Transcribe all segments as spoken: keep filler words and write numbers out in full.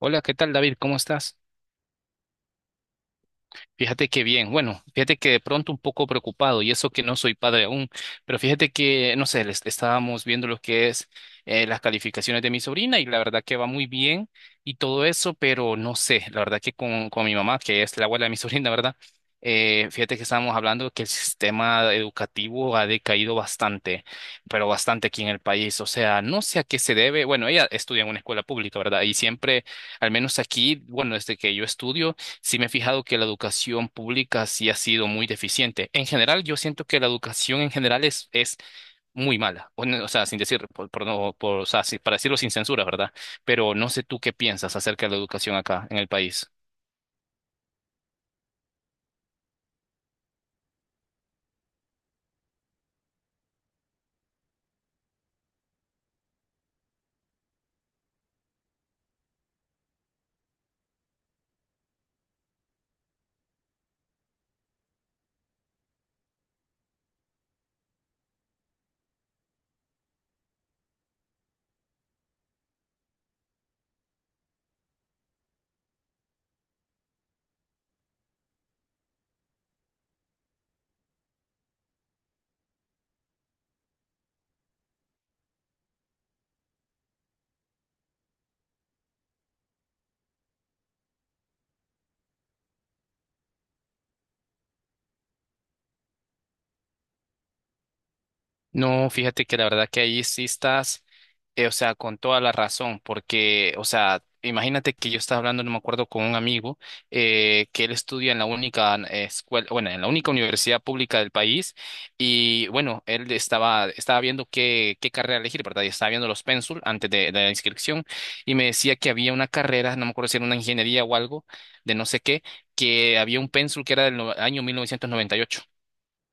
Hola, ¿qué tal, David? ¿Cómo estás? Fíjate que bien, bueno, fíjate que de pronto un poco preocupado y eso que no soy padre aún, pero fíjate que, no sé, les- estábamos viendo lo que es eh, las calificaciones de mi sobrina y la verdad que va muy bien y todo eso, pero no sé, la verdad que con, con mi mamá, que es la abuela de mi sobrina, ¿verdad? Eh, fíjate que estábamos hablando que el sistema educativo ha decaído bastante, pero bastante aquí en el país, o sea, no sé a qué se debe, bueno, ella estudia en una escuela pública, ¿verdad? Y siempre, al menos aquí, bueno, desde que yo estudio, sí me he fijado que la educación pública sí ha sido muy deficiente. En general, yo siento que la educación en general es, es muy mala. O, no- o sea, sin decir, por, por no, por, o sea, sí, para decirlo sin censura, ¿verdad? Pero no sé tú qué piensas acerca de la educación acá en el país. No, fíjate que la verdad que ahí sí estás, eh, o sea, con toda la razón, porque, o sea, imagínate que yo estaba hablando, no me acuerdo, con un amigo eh, que él estudia en la única eh, escuela, bueno, en la única universidad pública del país y, bueno, él estaba, estaba viendo qué, qué carrera elegir, ¿verdad? Y estaba viendo los pénsul antes de, de la inscripción y me decía que había una carrera, no me acuerdo si era una ingeniería o algo, de no sé qué, que había un pénsul que era del no- año mil novecientos noventa y ocho.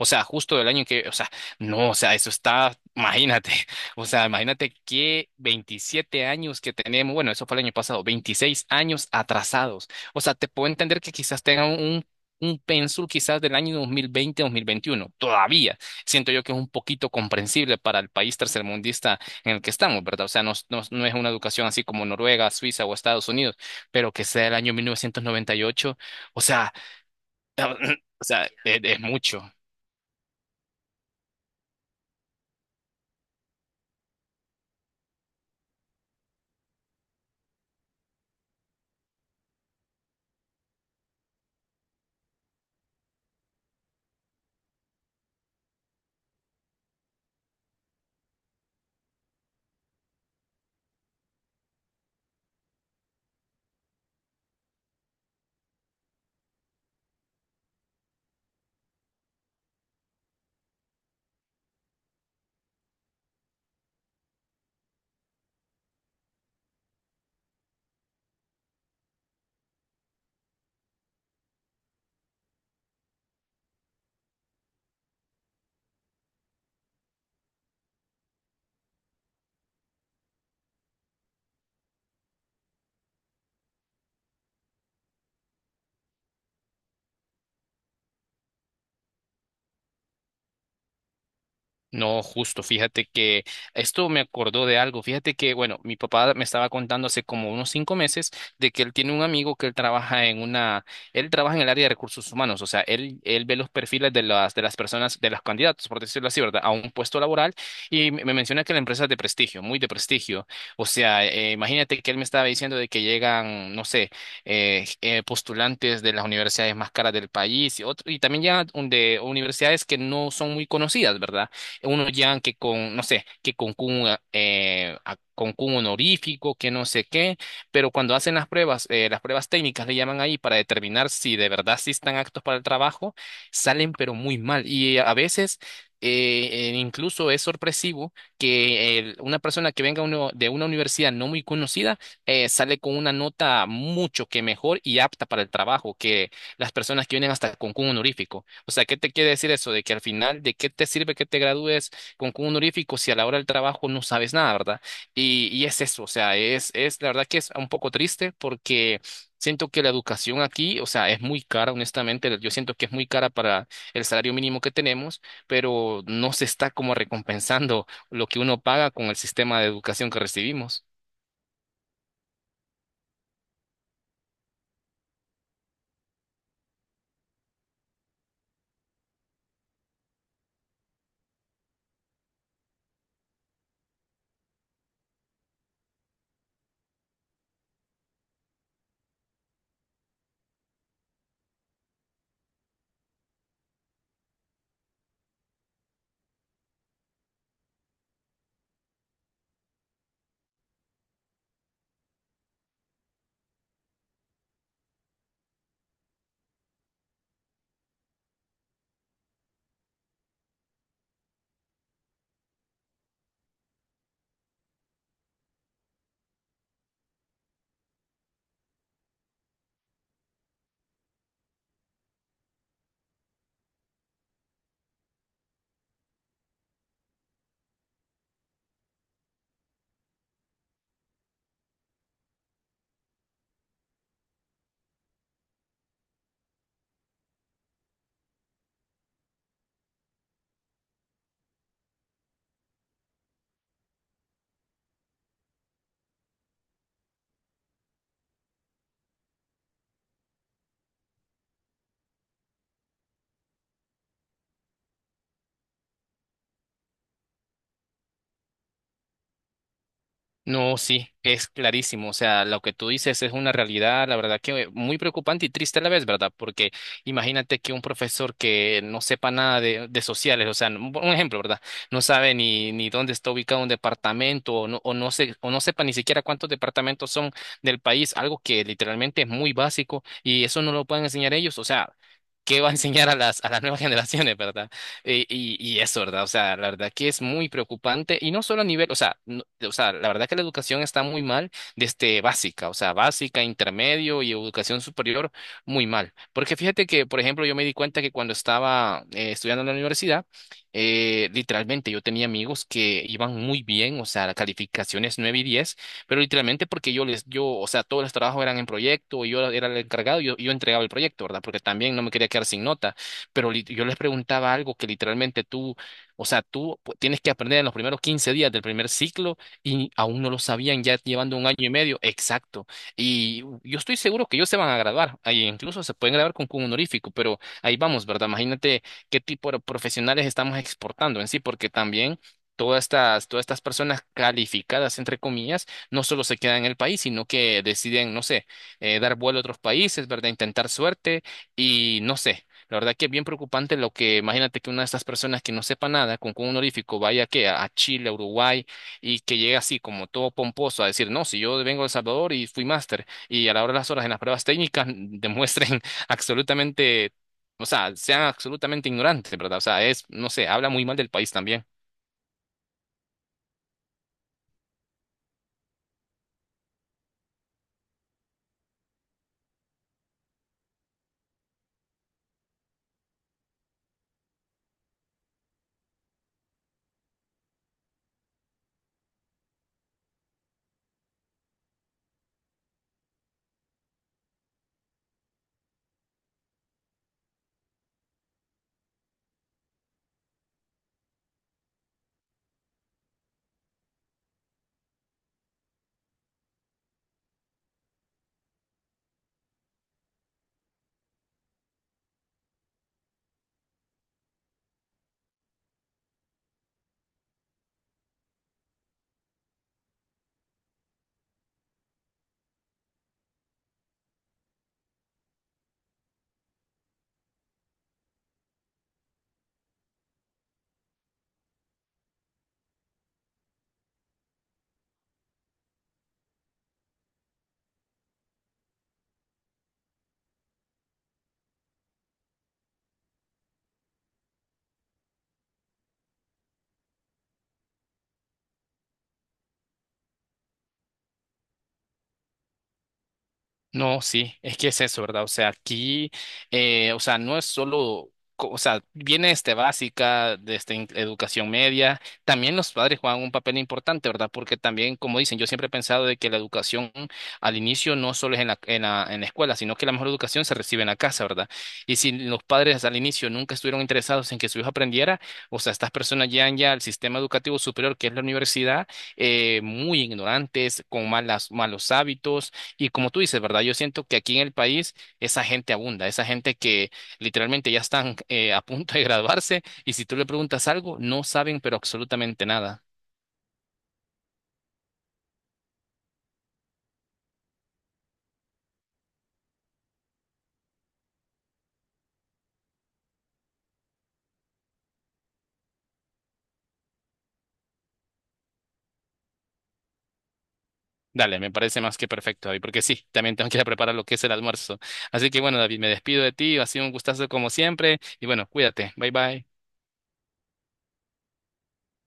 O sea, justo del año que, o sea, no, o sea, eso está, imagínate, o sea, imagínate que veintisiete años que tenemos, bueno, eso fue el año pasado, veintiséis años atrasados. O sea, te puedo entender que quizás tengan un, un pénsul quizás del año dos dos mil veinte, dos mil veintiuno, todavía. Siento yo que es un poquito comprensible para el país tercermundista en el que estamos, ¿verdad? O sea, no, es- no, es- no es una educación así como Noruega, Suiza o Estados Unidos, pero que sea el año mil novecientos noventa y ocho. O sea, o sea, es es mucho. No, justo, fíjate que esto me acordó de algo. Fíjate que, bueno, mi papá me estaba contando hace como unos cinco meses de que él tiene un amigo que él trabaja en una, él trabaja en el área de recursos humanos, o sea, él, él ve los perfiles de las, de las personas, de los candidatos, por decirlo así, ¿verdad? A un puesto laboral y me me menciona que la empresa es de prestigio, muy de prestigio. O sea, eh, imagínate que él me estaba diciendo de que llegan, no sé, eh, eh, postulantes de las universidades más caras del país y, otro- y también llegan un- de universidades que no son muy conocidas, ¿verdad? Unos llegan que con, no sé, que con un, eh, a- con un honorífico, que no sé qué, pero cuando hacen las pruebas, eh, las pruebas técnicas le llaman ahí para determinar si de verdad sí están aptos para el trabajo, salen pero muy mal. Y a veces eh, eh, incluso es sorpresivo que el- una persona que venga uno, de una universidad no muy conocida eh, sale con una nota mucho que mejor y apta para el trabajo, que las personas que vienen hasta con un honorífico. O sea, ¿qué te quiere decir eso? De que al final, ¿de qué te sirve que te gradúes con un honorífico si a la hora del trabajo no sabes nada, ¿verdad? Y, y es eso, o sea, es, es la verdad que es un poco triste porque… Siento que la educación aquí, o sea, es muy cara, honestamente, yo siento que es muy cara para el salario mínimo que tenemos, pero no se está como recompensando lo que uno paga con el sistema de educación que recibimos. No, sí, es clarísimo. O sea, lo que tú dices es una realidad, la verdad que muy preocupante y triste a la vez, ¿verdad? Porque imagínate que un profesor que no sepa nada de, de sociales, o sea, un un ejemplo, ¿verdad? No sabe ni, ni dónde está ubicado un departamento o no, o no se, o no sepa ni siquiera cuántos departamentos son del país, algo que literalmente es muy básico y eso no lo pueden enseñar ellos. O sea, ¿qué va a enseñar a las, a las nuevas generaciones, ¿verdad? Y, y, y eso, ¿verdad? O sea, la verdad que es muy preocupante y no solo a nivel, o sea, no- o sea, la verdad que la educación está muy mal desde básica, o sea, básica, intermedio y educación superior, muy mal. Porque fíjate que, por ejemplo, yo me di cuenta que cuando estaba eh, estudiando en la universidad, eh, literalmente yo tenía amigos que iban muy bien, o sea, calificaciones nueve y diez, pero literalmente porque yo les, yo, o sea, todos los trabajos eran en proyecto y yo era el encargado y yo, yo entregaba el proyecto, ¿verdad? Porque también no me quería quedar sin nota pero lit- yo les preguntaba algo que literalmente tú, o sea, tú pu- tienes que aprender en los primeros quince días del primer ciclo y aún no lo sabían, ya llevando un año y medio, exacto. Y uh, yo estoy seguro que ellos se van a graduar, ahí incluso se pueden graduar con, con honorífico, pero ahí vamos, ¿verdad? Imagínate qué tipo de profesionales estamos exportando en sí, porque también… Todas estas, todas estas personas calificadas, entre comillas, no solo se quedan en el país, sino que deciden, no sé, eh, dar vuelo a otros países, ¿verdad? Intentar suerte y no sé, la verdad que es bien preocupante lo que, imagínate que una de estas personas que no sepa nada, con, con un honorífico, vaya que a, a Chile, a Uruguay, y que llegue así como todo pomposo a decir, no, si yo vengo de El Salvador y fui máster, y a la hora de las horas en las pruebas técnicas demuestren absolutamente, o sea, sean absolutamente ignorantes, ¿verdad? O sea, es, no sé, habla muy mal del país también. No, sí, es que es eso, ¿verdad? O sea, aquí, eh, o sea, no es solo, co- o sea, viene este básica, de este, in- educación media, también los padres juegan un papel importante, ¿verdad? Porque también, como dicen, yo siempre he pensado de que la educación al inicio no solo es en la, en la, en la escuela, sino que la mejor educación se recibe en la casa, ¿verdad? Y si los padres al inicio nunca estuvieron interesados en que su hijo aprendiera, o sea, estas personas llegan ya al sistema educativo superior, que es la universidad, eh, muy ignorantes, con malas, malos hábitos y como tú dices, ¿verdad? Yo siento que aquí en el país esa gente abunda, esa gente que literalmente ya están eh, a punto de graduarse y si tú le preguntas algo, no saben pero absolutamente nada. Dale, me parece más que perfecto, David, porque sí, también tengo que ir a preparar lo que es el almuerzo. Así que bueno, David, me despido de ti, ha sido un gustazo como siempre y bueno, cuídate, bye bye.